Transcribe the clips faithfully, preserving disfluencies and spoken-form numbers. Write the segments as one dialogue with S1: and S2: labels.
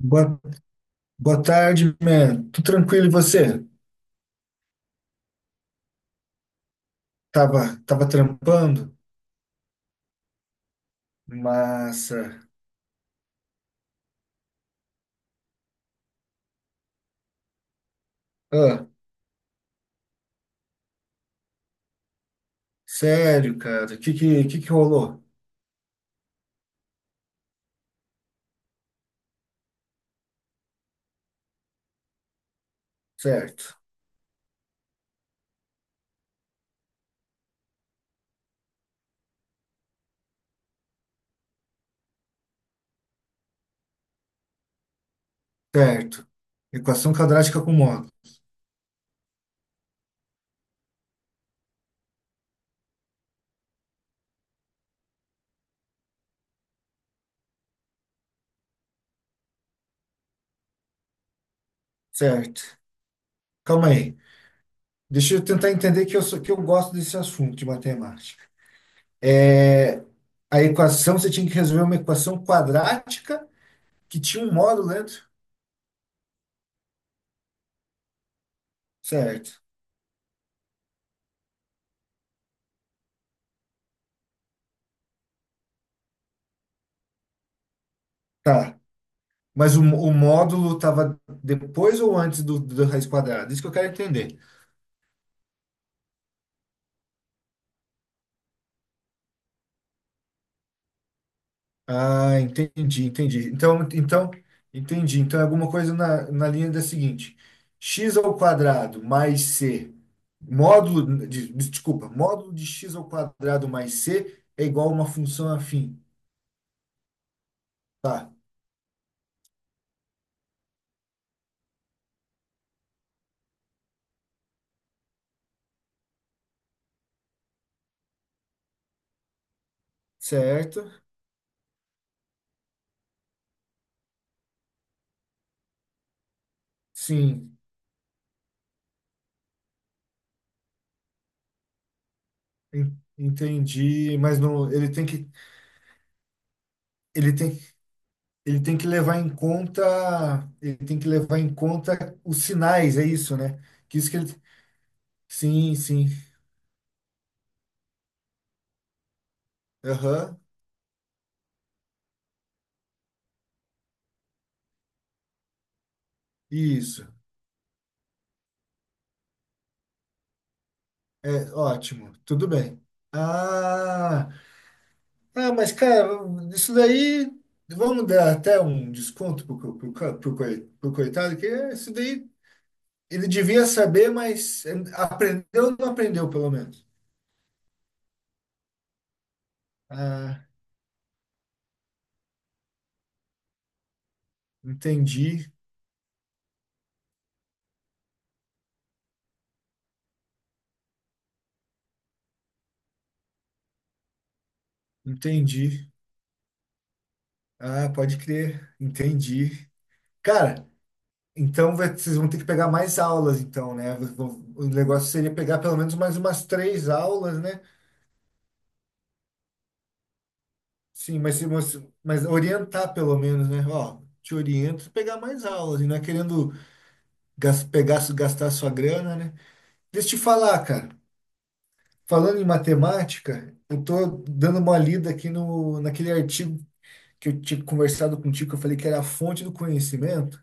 S1: Boa, boa tarde, man. Tudo tranquilo e você? Tava, tava trampando? Massa. Ah, sério, cara. O que, que, que que rolou? Certo, certo. Equação quadrática com módulo. Certo. Calma aí. Deixa eu tentar entender que eu sou, que eu gosto desse assunto de matemática. É, a equação, você tinha que resolver uma equação quadrática que tinha um módulo dentro? Certo. Tá. Mas o, o módulo estava depois ou antes do, do raiz quadrada? Isso que eu quero entender. Ah, entendi, entendi. Então, então, entendi. Então é alguma coisa na, na linha da seguinte: x ao quadrado mais c, módulo, de, desculpa, módulo de x ao quadrado mais c é igual a uma função afim. Tá, certo? Sim, en- entendi. Mas não, ele tem que, ele tem. Ele tem que levar em conta, ele tem que levar em conta os sinais, é isso, né? Que isso que ele, sim, sim, aham, isso, é ótimo, tudo bem. Ah, ah, mas cara, isso daí, vamos dar até um desconto pro, co- pro, ca- pro, coi- pro coitado, que isso daí ele devia saber, mas aprendeu ou não aprendeu, pelo menos. Ah, entendi, entendi. Ah, pode crer, entendi. Cara, então, vai- vocês vão ter que pegar mais aulas, então, né? Vão- O negócio seria pegar pelo menos mais umas três aulas, né? Sim, mas, se você- mas orientar pelo menos, né? Ó, te oriento a pegar mais aulas, e não é querendo gas- pegar, gastar sua grana, né? Deixa eu te falar, cara. Falando em matemática, eu tô dando uma lida aqui no, naquele artigo que eu tinha conversado contigo, que eu falei que era a fonte do conhecimento.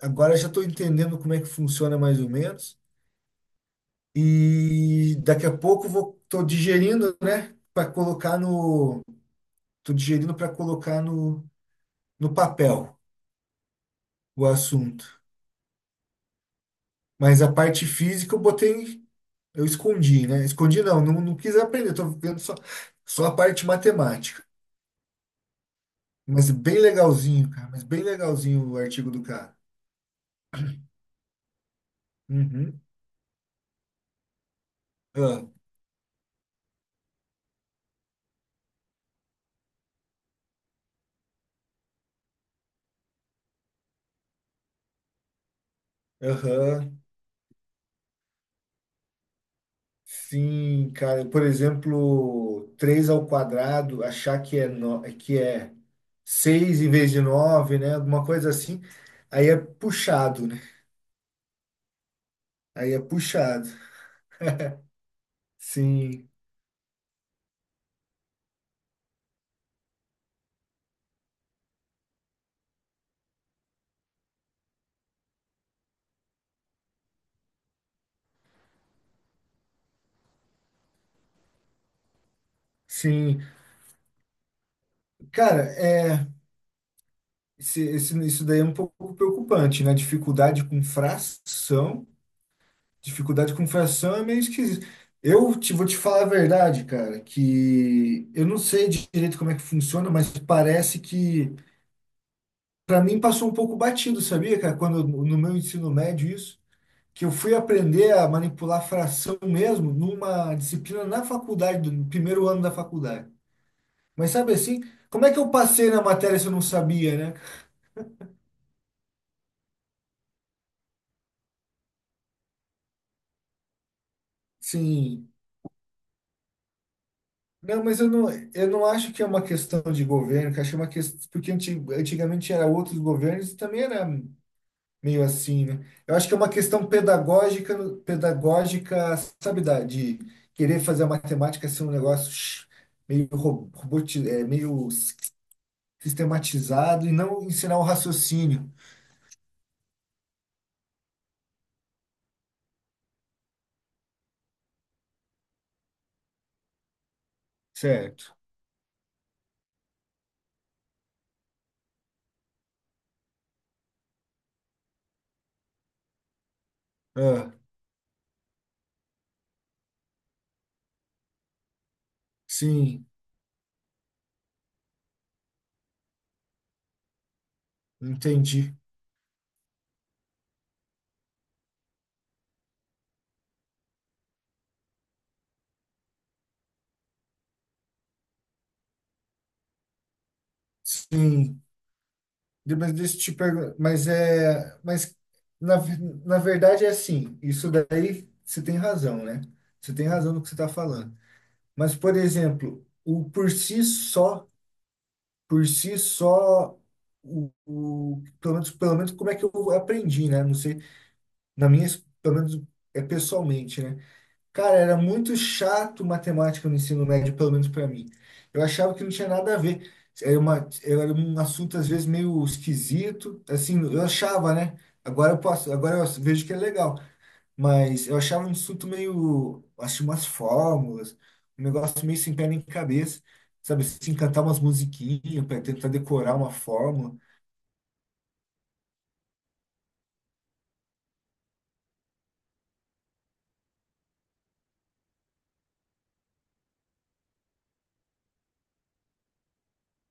S1: Agora eu já estou entendendo como é que funciona mais ou menos. E daqui a pouco vou tô digerindo, né, para colocar no tô digerindo para colocar no, no papel o assunto. Mas a parte física eu botei, eu escondi, né? Escondi não, não, não quis aprender, tô vendo só só a parte matemática. Mas bem legalzinho, cara, mas bem legalzinho o artigo do cara. Uhum. Ah, aham. Sim, cara, por exemplo, três ao quadrado, achar que é no, que é seis em vez de nove, né? Alguma coisa assim. Aí é puxado, né? Aí é puxado. Sim, sim. Cara, é, esse, esse- isso daí é um pouco preocupante, né? Dificuldade com fração. Dificuldade com fração é meio esquisito. Eu te, vou te falar a verdade, cara, que eu não sei direito como é que funciona, mas parece que, para mim, passou um pouco batido, sabia, cara? Quando no meu ensino médio, isso. Que eu fui aprender a manipular fração mesmo numa disciplina na faculdade, do- no primeiro ano da faculdade. Mas sabe assim, como é que eu passei na matéria se eu não sabia, né? Sim. Não, mas eu não, eu não acho que é uma questão de governo, que acho que é uma questão, porque anti- antigamente era outros governos e também era meio assim, né? Eu acho que é uma questão pedagógica, pedagógica, sabe, da, de querer fazer a matemática ser um negócio shh, meio robotizado, meio sistematizado e não ensinar o raciocínio. Certo. Ah, sim, entendi. Sim. De- Mas deixa eu te perguntar. Mas é. Mas na, ve- na verdade é assim. Isso daí você tem razão, né? Você tem razão no que você está falando. Mas, por exemplo, o por si só, por si só, o, o- pelo menos, pelo menos como é que eu aprendi, né? Não sei. Na minha, ex- pelo menos é pessoalmente, né? Cara, era muito chato matemática no ensino médio, pelo menos para mim. Eu achava que não tinha nada a ver. Era uma, era um assunto às vezes meio esquisito, assim, eu achava, né? Agora eu posso, agora eu vejo que é legal, mas eu achava um assunto meio, acho umas fórmulas, um negócio meio sem pé nem cabeça, sabe? Assim, cantar umas musiquinhas para tentar decorar uma fórmula,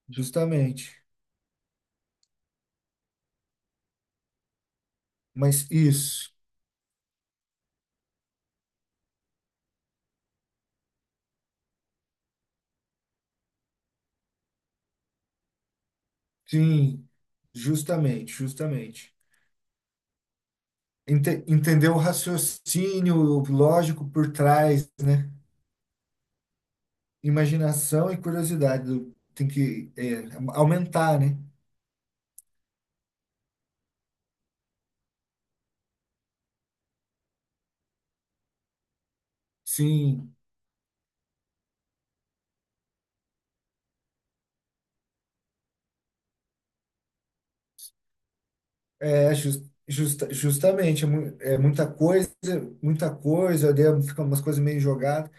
S1: justamente. Mas isso, sim, justamente, justamente. Ente- entender o raciocínio lógico por trás, né? Imaginação e curiosidade do- tem que é, aumentar, né? Sim, é jus- justa- justamente é, mu- é muita coisa, muita coisa, daí fica umas coisas meio jogadas.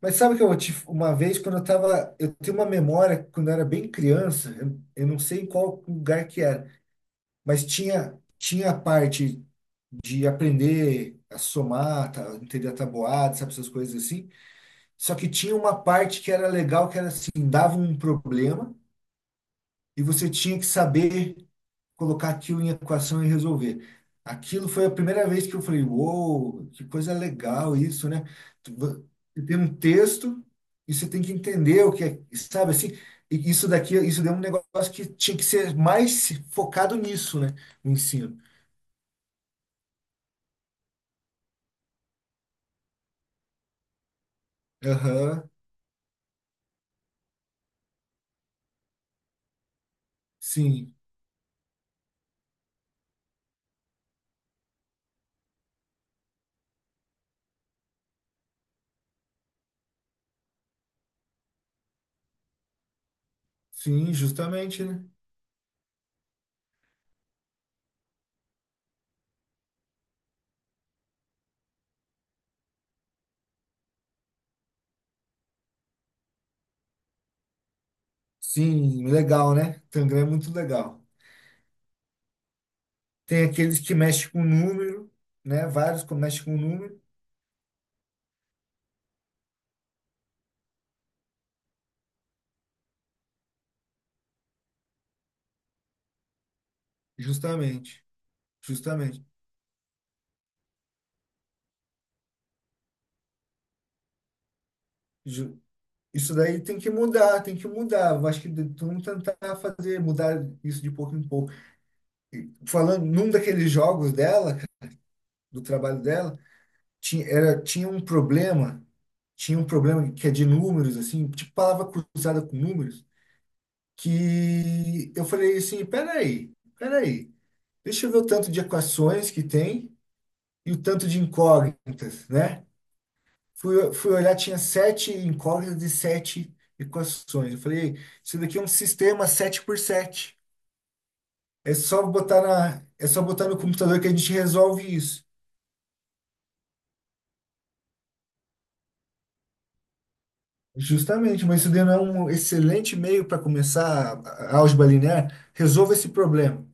S1: Mas sabe que eu tive uma vez quando eu tava, eu tenho uma memória quando eu era bem criança, eu, eu não sei em qual lugar que era, mas tinha tinha a parte de aprender a somar, tá, entender a tabuada, sabe, essas coisas assim. Só que tinha uma parte que era legal, que era assim, dava um problema e você tinha que saber colocar aquilo em equação e resolver. Aquilo foi a primeira vez que eu falei, uou, que coisa legal isso, né? Tu Você tem um texto e você tem que entender o que é, sabe assim? E isso daqui, isso deu um negócio que tinha que ser mais focado nisso, né? O ensino. Aham, sim, sim, justamente, né? Sim, legal, né? Tangram é muito legal. Tem aqueles que mexem com número, né? Vários que mexem com número, justamente, justamente. Ju- Isso daí tem que mudar, tem que mudar. Eu acho que de- vamos tentar fazer, mudar isso de pouco em pouco. Falando, num daqueles jogos dela, cara, do trabalho dela, tinha, era, tinha um problema, tinha um problema que é de números, assim, tipo palavra cruzada com números, que eu falei assim, peraí, peraí, deixa eu ver o tanto de equações que tem e o tanto de incógnitas, né? Fui, fui olhar, tinha sete incógnitas de sete equações. Eu falei, isso daqui é um sistema sete por sete. É só botar na, é só botar no computador que a gente resolve isso. Justamente, mas isso daí não é um excelente meio para começar a a álgebra linear. Resolva esse problema.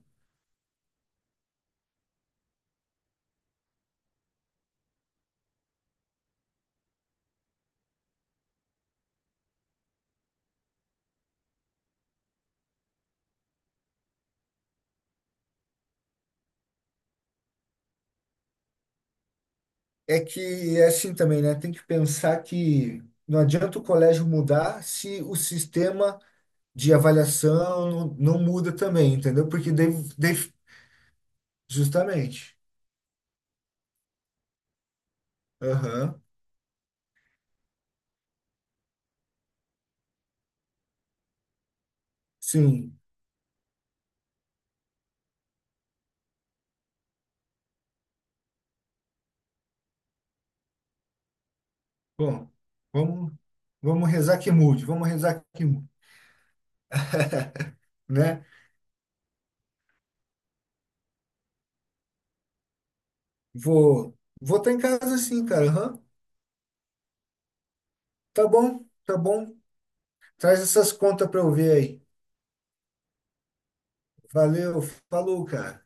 S1: É que é assim também, né? Tem que pensar que não adianta o colégio mudar se o sistema de avaliação não, não muda também, entendeu? Porque daí, daí- justamente. Aham. Sim. Bom, vamos, vamos rezar que mude, vamos rezar que mude, né? Vou, vou estar em casa sim, cara. Aham. Tá bom, tá bom. Traz essas contas para eu ver aí. Valeu, falou, cara.